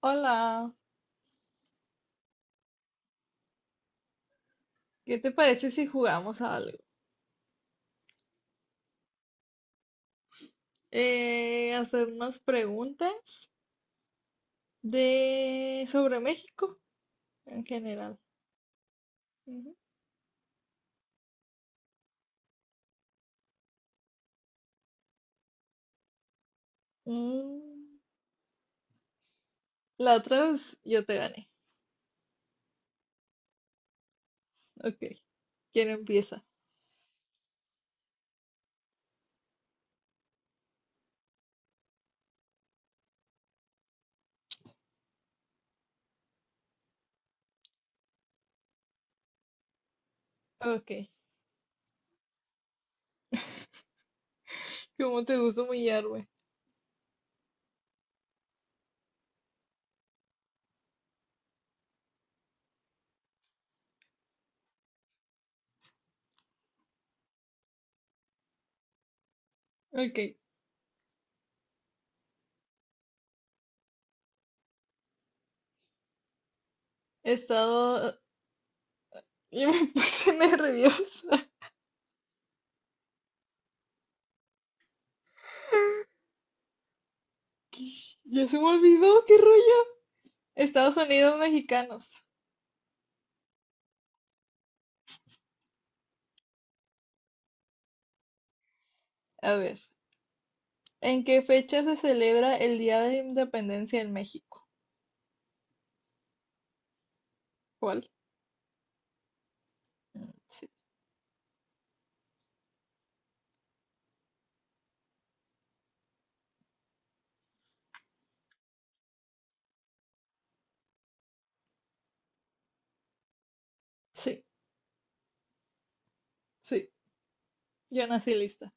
Hola, ¿qué te parece si jugamos a algo? Hacer unas preguntas de sobre México en general. Ujú. Mm, la otra vez yo te gané. Ok, ¿quién empieza? Ok, ¿cómo te gusta humillarme? Ok, he estado... Yo me puse nerviosa. ¿Qué? Ya se me olvidó, qué rollo. Estados Unidos mexicanos. A ver, ¿en qué fecha se celebra el Día de la Independencia en México? ¿Cuál? Sí, sí, sí. Yo nací lista.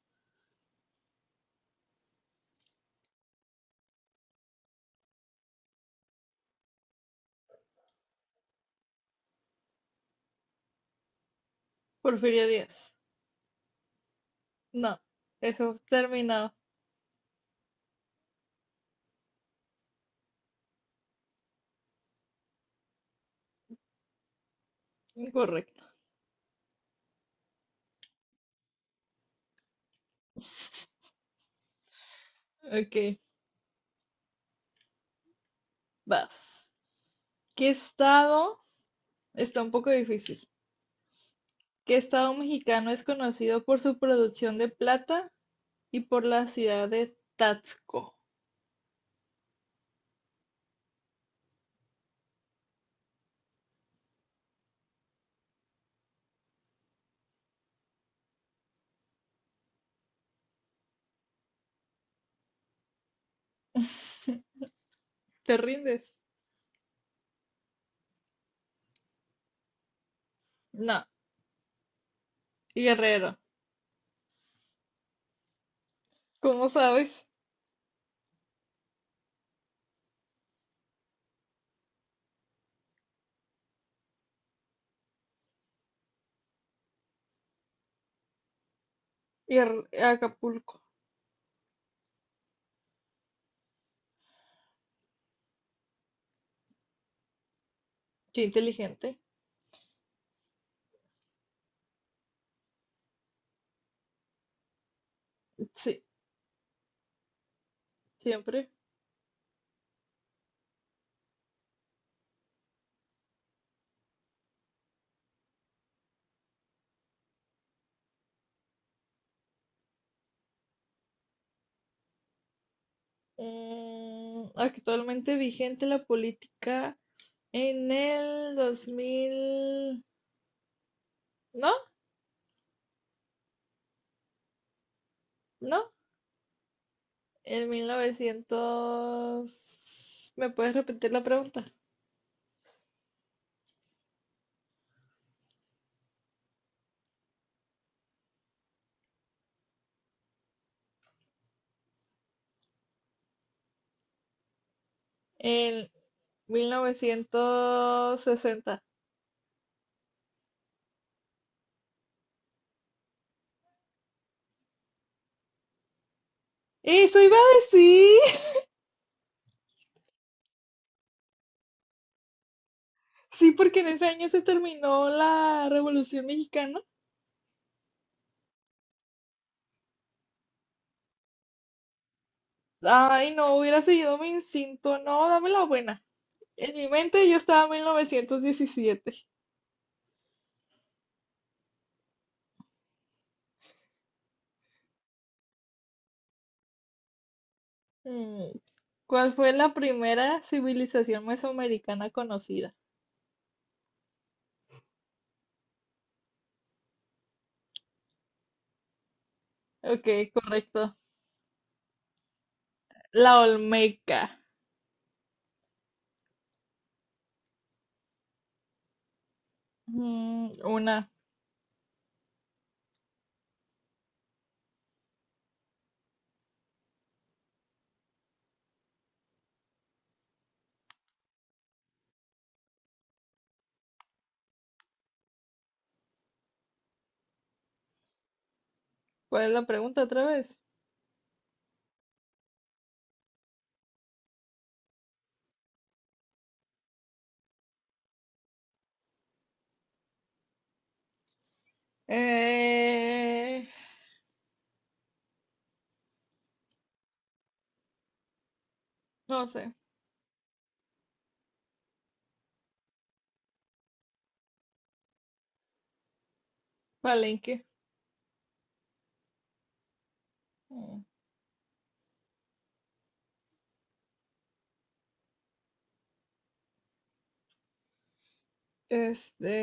Porfirio Díaz. No, eso terminado. Incorrecto. Ok, vas. ¿Qué estado? Está un poco difícil. ¿Qué estado mexicano es conocido por su producción de plata y por la ciudad de Taxco? ¿Te rindes? No, Guerrero. ¿Cómo sabes? Acapulco. Qué inteligente. Sí, siempre. Actualmente vigente la política en el 2000, no, no, en 1900, ¿me puedes repetir la pregunta? En 1960. Eso iba a decir, sí, porque en ese año se terminó la Revolución Mexicana. Ay, no, hubiera seguido mi instinto, no, dame la buena. En mi mente yo estaba en 1917. Mm, ¿Cuál fue la primera civilización mesoamericana conocida? Ok, correcto. La Olmeca. Una. ¿Cuál es la pregunta otra vez? Eh, no sé. Palenque. Mm, Este,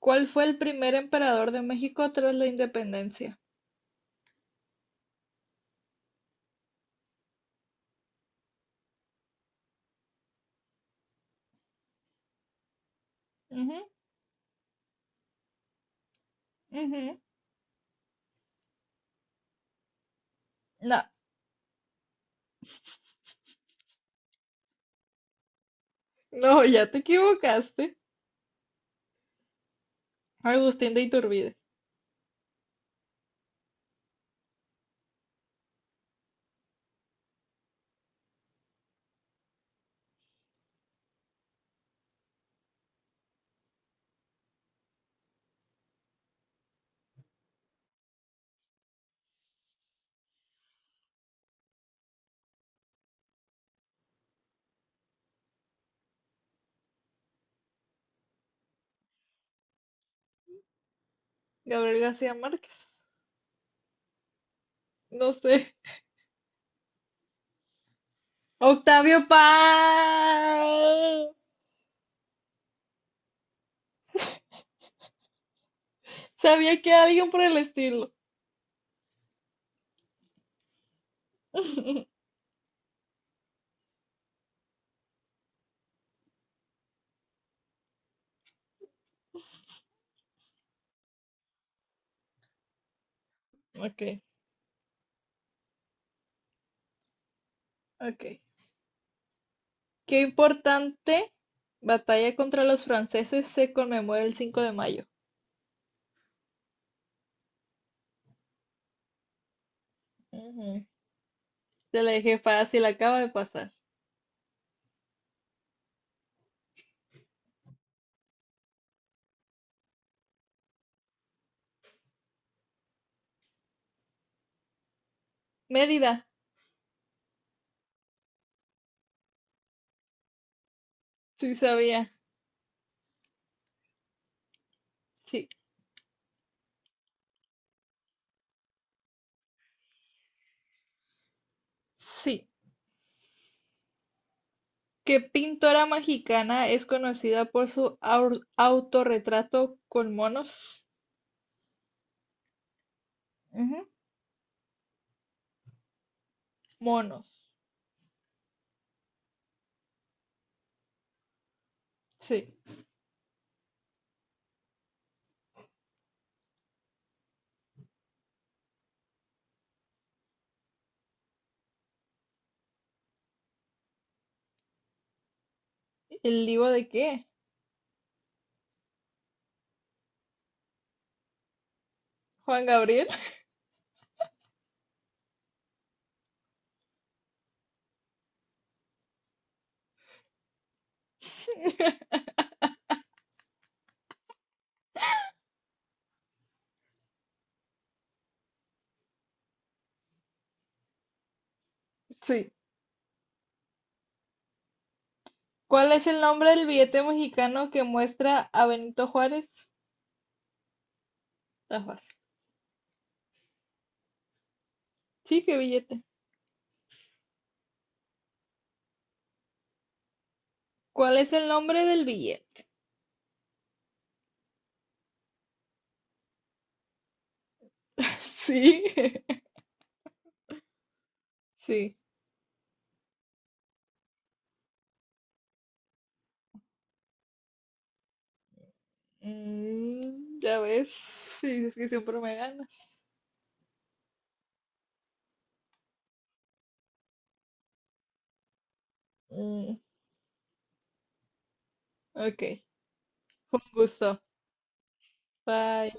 ¿cuál fue el primer emperador de México tras la independencia? Ujú, ujú. No, no, ya te equivocaste. Agustín de Iturbide. Gabriel García Márquez. No sé. Octavio Paz. Sabía que alguien por el estilo. Ok, ok. ¿Qué importante batalla contra los franceses se conmemora el 5 de mayo? Ujú. Te la dejé fácil, acaba de pasar. Mérida, sí sabía. Sí, sí. ¿Qué pintora mexicana es conocida por su autorretrato con monos? Ujú, monos, sí. ¿El libro de qué? ¿Juan Gabriel? Sí. ¿Cuál es el nombre del billete mexicano que muestra a Benito Juárez? Está fácil. Sí, qué billete. ¿Cuál es el nombre del billete? Sí, sí. Ya ves, sí, es que siempre me ganas. Mm, ok, un gusto. Bye.